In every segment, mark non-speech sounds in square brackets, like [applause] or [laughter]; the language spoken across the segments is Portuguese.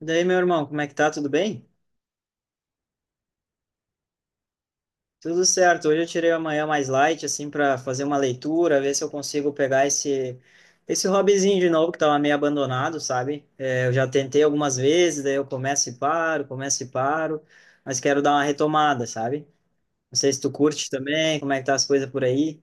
E daí, meu irmão, como é que tá? Tudo bem? Tudo certo. Hoje eu tirei a manhã mais light, assim, para fazer uma leitura, ver se eu consigo pegar esse hobbyzinho de novo que tava meio abandonado, sabe? Eu já tentei algumas vezes, daí eu começo e paro, mas quero dar uma retomada, sabe? Não sei se tu curte também, como é que tá as coisas por aí?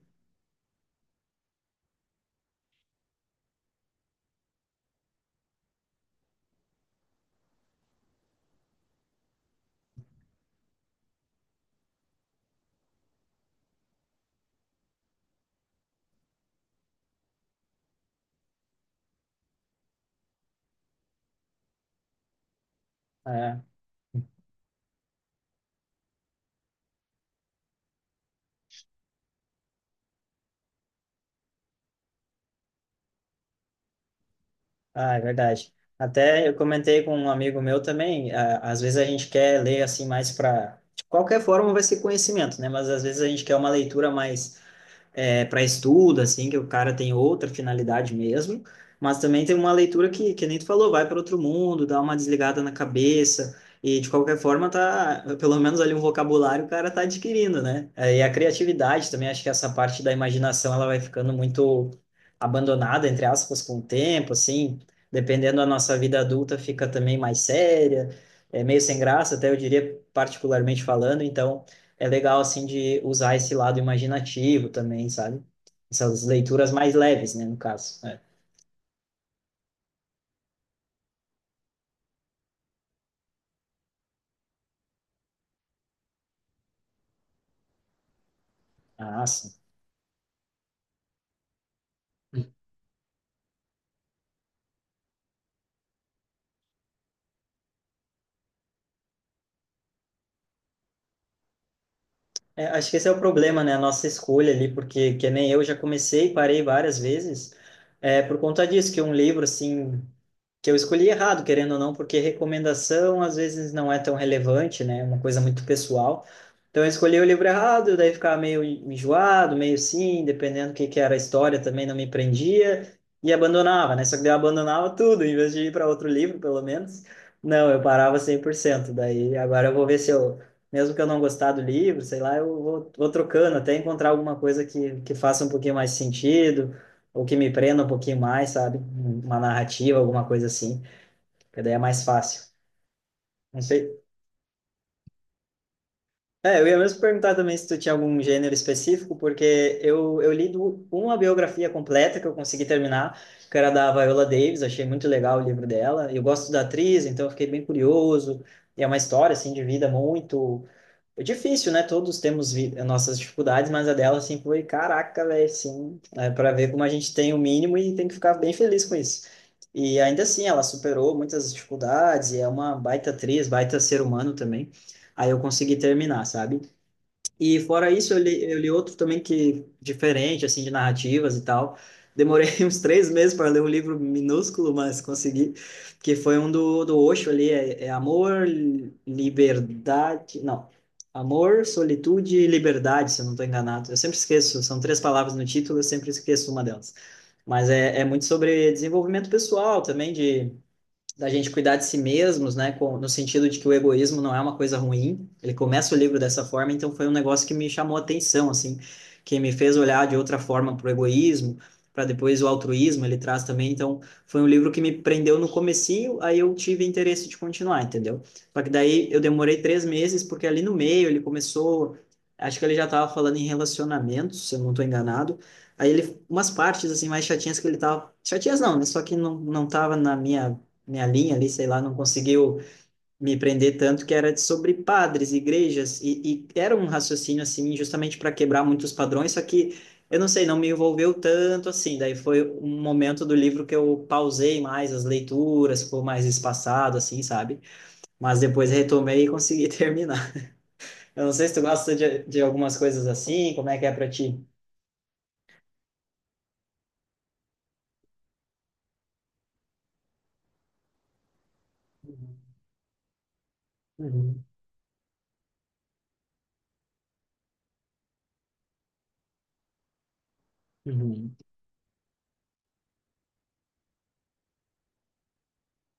É. Ah, é verdade. Até eu comentei com um amigo meu também, às vezes a gente quer ler assim mais para de qualquer forma vai ser conhecimento, né? Mas às vezes a gente quer uma leitura mais para estudo, assim, que o cara tem outra finalidade mesmo, mas também tem uma leitura que nem tu falou, vai para outro mundo, dá uma desligada na cabeça, e de qualquer forma tá, pelo menos ali um vocabulário o cara tá adquirindo, né? E a criatividade também, acho que essa parte da imaginação ela vai ficando muito abandonada, entre aspas, com o tempo, assim, dependendo da nossa vida adulta, fica também mais séria, é meio sem graça, até eu diria, particularmente falando, então é legal, assim, de usar esse lado imaginativo também, sabe? Essas leituras mais leves, né, no caso. É. Ah, sim. É, acho que esse é o problema, né? A nossa escolha ali, porque que nem eu já comecei e parei várias vezes, é por conta disso, que um livro, assim, que eu escolhi errado, querendo ou não, porque recomendação às vezes não é tão relevante, né? É uma coisa muito pessoal. Então eu escolhi o livro errado, daí ficava meio enjoado, meio sim, dependendo do que era a história, também não me prendia e abandonava, né? Só que daí eu abandonava tudo, em vez de ir para outro livro, pelo menos. Não, eu parava 100%. Daí agora eu vou ver se eu mesmo que eu não gostar do livro, sei lá, eu vou, trocando até encontrar alguma coisa que faça um pouquinho mais sentido, ou que me prenda um pouquinho mais, sabe? Uma narrativa, alguma coisa assim, que daí é mais fácil. Não sei. É, eu ia mesmo perguntar também se tu tinha algum gênero específico, porque eu li uma biografia completa que eu consegui terminar, que era da Viola Davis, achei muito legal o livro dela. Eu gosto da atriz, então eu fiquei bem curioso. E é uma história, assim, de vida muito. Foi difícil, né? Todos temos nossas dificuldades, mas a dela, assim, foi caraca, velho, assim. É para ver como a gente tem o mínimo e tem que ficar bem feliz com isso. E ainda assim, ela superou muitas dificuldades e é uma baita atriz, baita ser humano também. Aí eu consegui terminar, sabe? E fora isso, eu li outro também que diferente, assim, de narrativas e tal. Demorei [laughs] uns 3 meses para ler um livro minúsculo, mas consegui. Que foi um do Osho ali, é Amor, Liberdade... Não, Amor, Solitude e Liberdade, se eu não estou enganado. Eu sempre esqueço, são três palavras no título, eu sempre esqueço uma delas. Mas é muito sobre desenvolvimento pessoal também, de da gente cuidar de si mesmos, né, no sentido de que o egoísmo não é uma coisa ruim. Ele começa o livro dessa forma, então foi um negócio que me chamou a atenção, assim, que me fez olhar de outra forma para o egoísmo, para depois o altruísmo ele traz também. Então foi um livro que me prendeu no comecinho, aí eu tive interesse de continuar, entendeu? Só que daí eu demorei 3 meses porque ali no meio ele começou, acho que ele já estava falando em relacionamentos, se eu não estou enganado. Aí ele, umas partes assim mais chatinhas que ele tava, chatinhas não, né? Só que não, não tava na minha linha ali, sei lá, não conseguiu me prender tanto, que era sobre padres, igrejas, e era um raciocínio assim, justamente para quebrar muitos padrões, só que eu não sei, não me envolveu tanto assim. Daí foi um momento do livro que eu pausei mais as leituras, ficou mais espaçado, assim, sabe? Mas depois retomei e consegui [laughs] terminar. Eu não sei se tu gosta de algumas coisas assim, como é que é para ti? Uhum, uhum.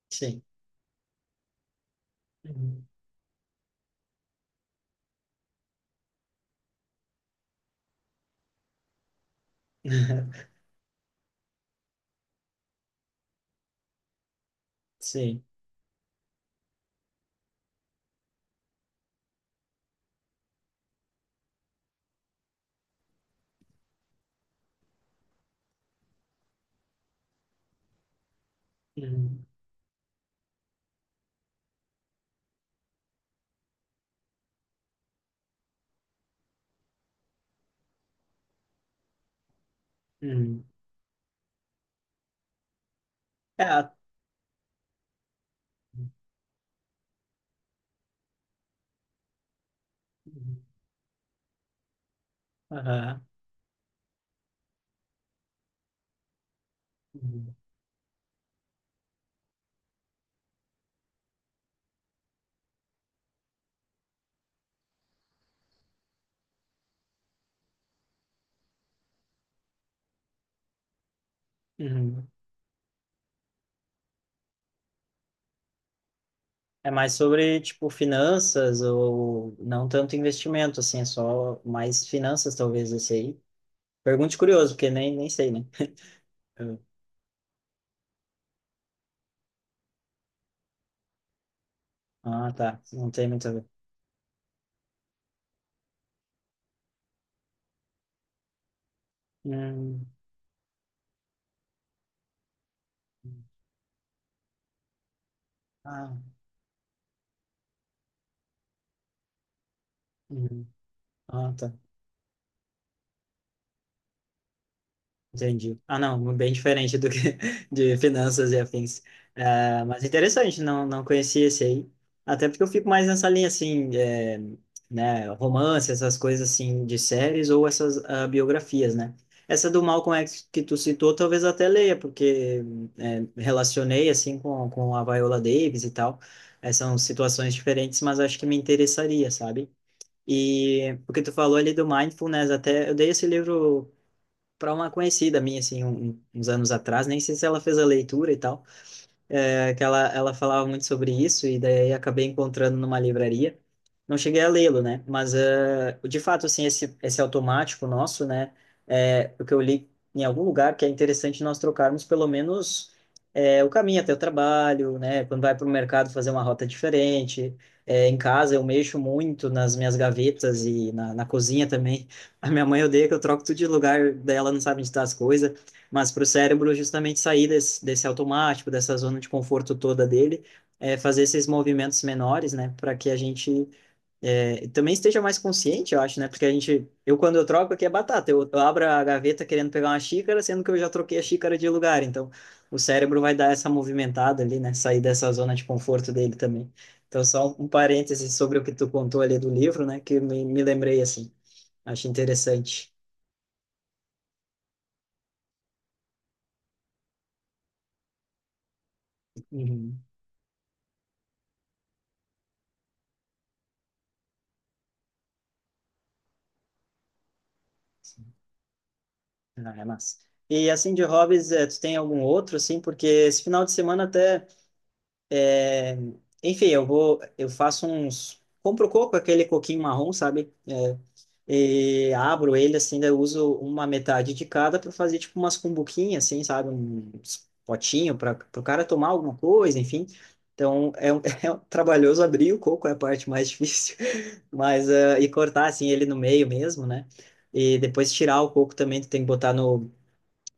Sim. Uhum. [laughs] Sim. Uhum. Uhum. É. Aham. Uhum. Uhum. É mais sobre, tipo, finanças ou não tanto investimento, assim, é só mais finanças, talvez, esse aí. Pergunte curioso, porque nem sei, né? Eu- Ah, tá. Não tem muito a ver. Hum. Ah, uhum. Ah, tá. Entendi. Ah, não, bem diferente do que [laughs] de finanças e afins. Ah, mas interessante, não, não conhecia esse aí. Até porque eu fico mais nessa linha, assim, é, né, romance, essas coisas, assim, de séries ou essas ah, biografias, né? Essa do Malcolm X que tu citou, talvez até leia, porque é, relacionei, assim, com, a Viola Davis e tal. É, são situações diferentes, mas acho que me interessaria, sabe? E o que tu falou ali do Mindfulness, até eu dei esse livro para uma conhecida minha, assim, uns anos atrás, nem sei se ela fez a leitura e tal. É, que ela, falava muito sobre isso, e daí acabei encontrando numa livraria. Não cheguei a lê-lo, né? Mas, de fato, assim, esse automático nosso, né? É, o que eu li em algum lugar que é interessante nós trocarmos pelo menos o caminho até o trabalho, né? Quando vai para o mercado fazer uma rota diferente. Em casa eu mexo muito nas minhas gavetas e na cozinha também. [laughs] A minha mãe odeia que eu troco tudo de lugar, daí ela não sabe onde tá as coisas. Mas para o cérebro, justamente sair desse automático, dessa zona de conforto toda dele, é, fazer esses movimentos menores, né? Para que a gente também esteja mais consciente, eu acho, né? Porque a gente, eu quando eu troco aqui é batata, eu abro a gaveta querendo pegar uma xícara, sendo que eu já troquei a xícara de lugar. Então, o cérebro vai dar essa movimentada ali, né? Sair dessa zona de conforto dele também. Então, só um parêntese sobre o que tu contou ali do livro, né? Que me lembrei assim. Acho interessante. Uhum. Ah, é massa. E assim, de hobbies, tu tem algum outro, assim? Porque esse final de semana até, eh, enfim, eu vou, eu faço compro coco, aquele coquinho marrom, sabe? E abro ele, assim, daí eu uso uma metade de cada para fazer, tipo, umas cumbuquinhas, assim, sabe? Uns potinho para o cara tomar alguma coisa, enfim. Então, [laughs] é um trabalhoso abrir o coco, é a parte mais difícil, [laughs] mas, e cortar, assim, ele no meio mesmo, né? E depois tirar o coco também, tu tem que botar no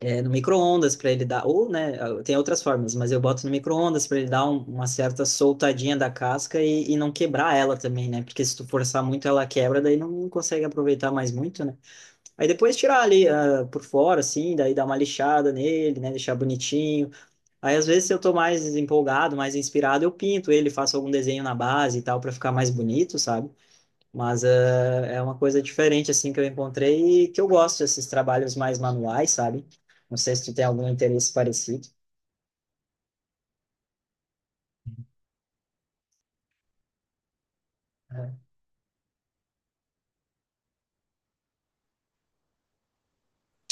é, no micro-ondas para ele dar, ou, né, ah, tem outras formas, mas eu boto no micro-ondas para ele dar uma certa soltadinha da casca e não quebrar ela também, né? Porque se tu forçar muito ela quebra, daí não consegue aproveitar mais muito, né? Aí depois tirar ali por fora, assim, daí dar uma lixada nele, né, deixar bonitinho. Aí às vezes se eu tô mais empolgado, mais inspirado, eu pinto ele, faço algum desenho na base e tal para ficar mais bonito, sabe? Mas é uma coisa diferente, assim, que eu encontrei e que eu gosto desses trabalhos mais manuais, sabe? Não sei se tu tem algum interesse parecido.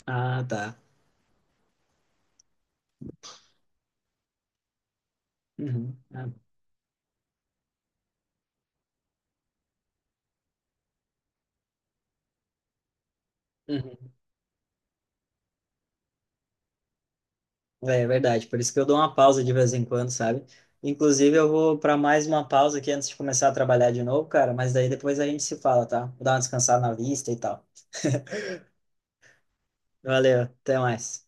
Ah, tá. Uhum. Ah, uhum. É verdade, por isso que eu dou uma pausa de vez em quando, sabe? Inclusive, eu vou para mais uma pausa aqui antes de começar a trabalhar de novo, cara, mas daí depois a gente se fala, tá? Vou dar uma descansada na vista e tal. Valeu, até mais.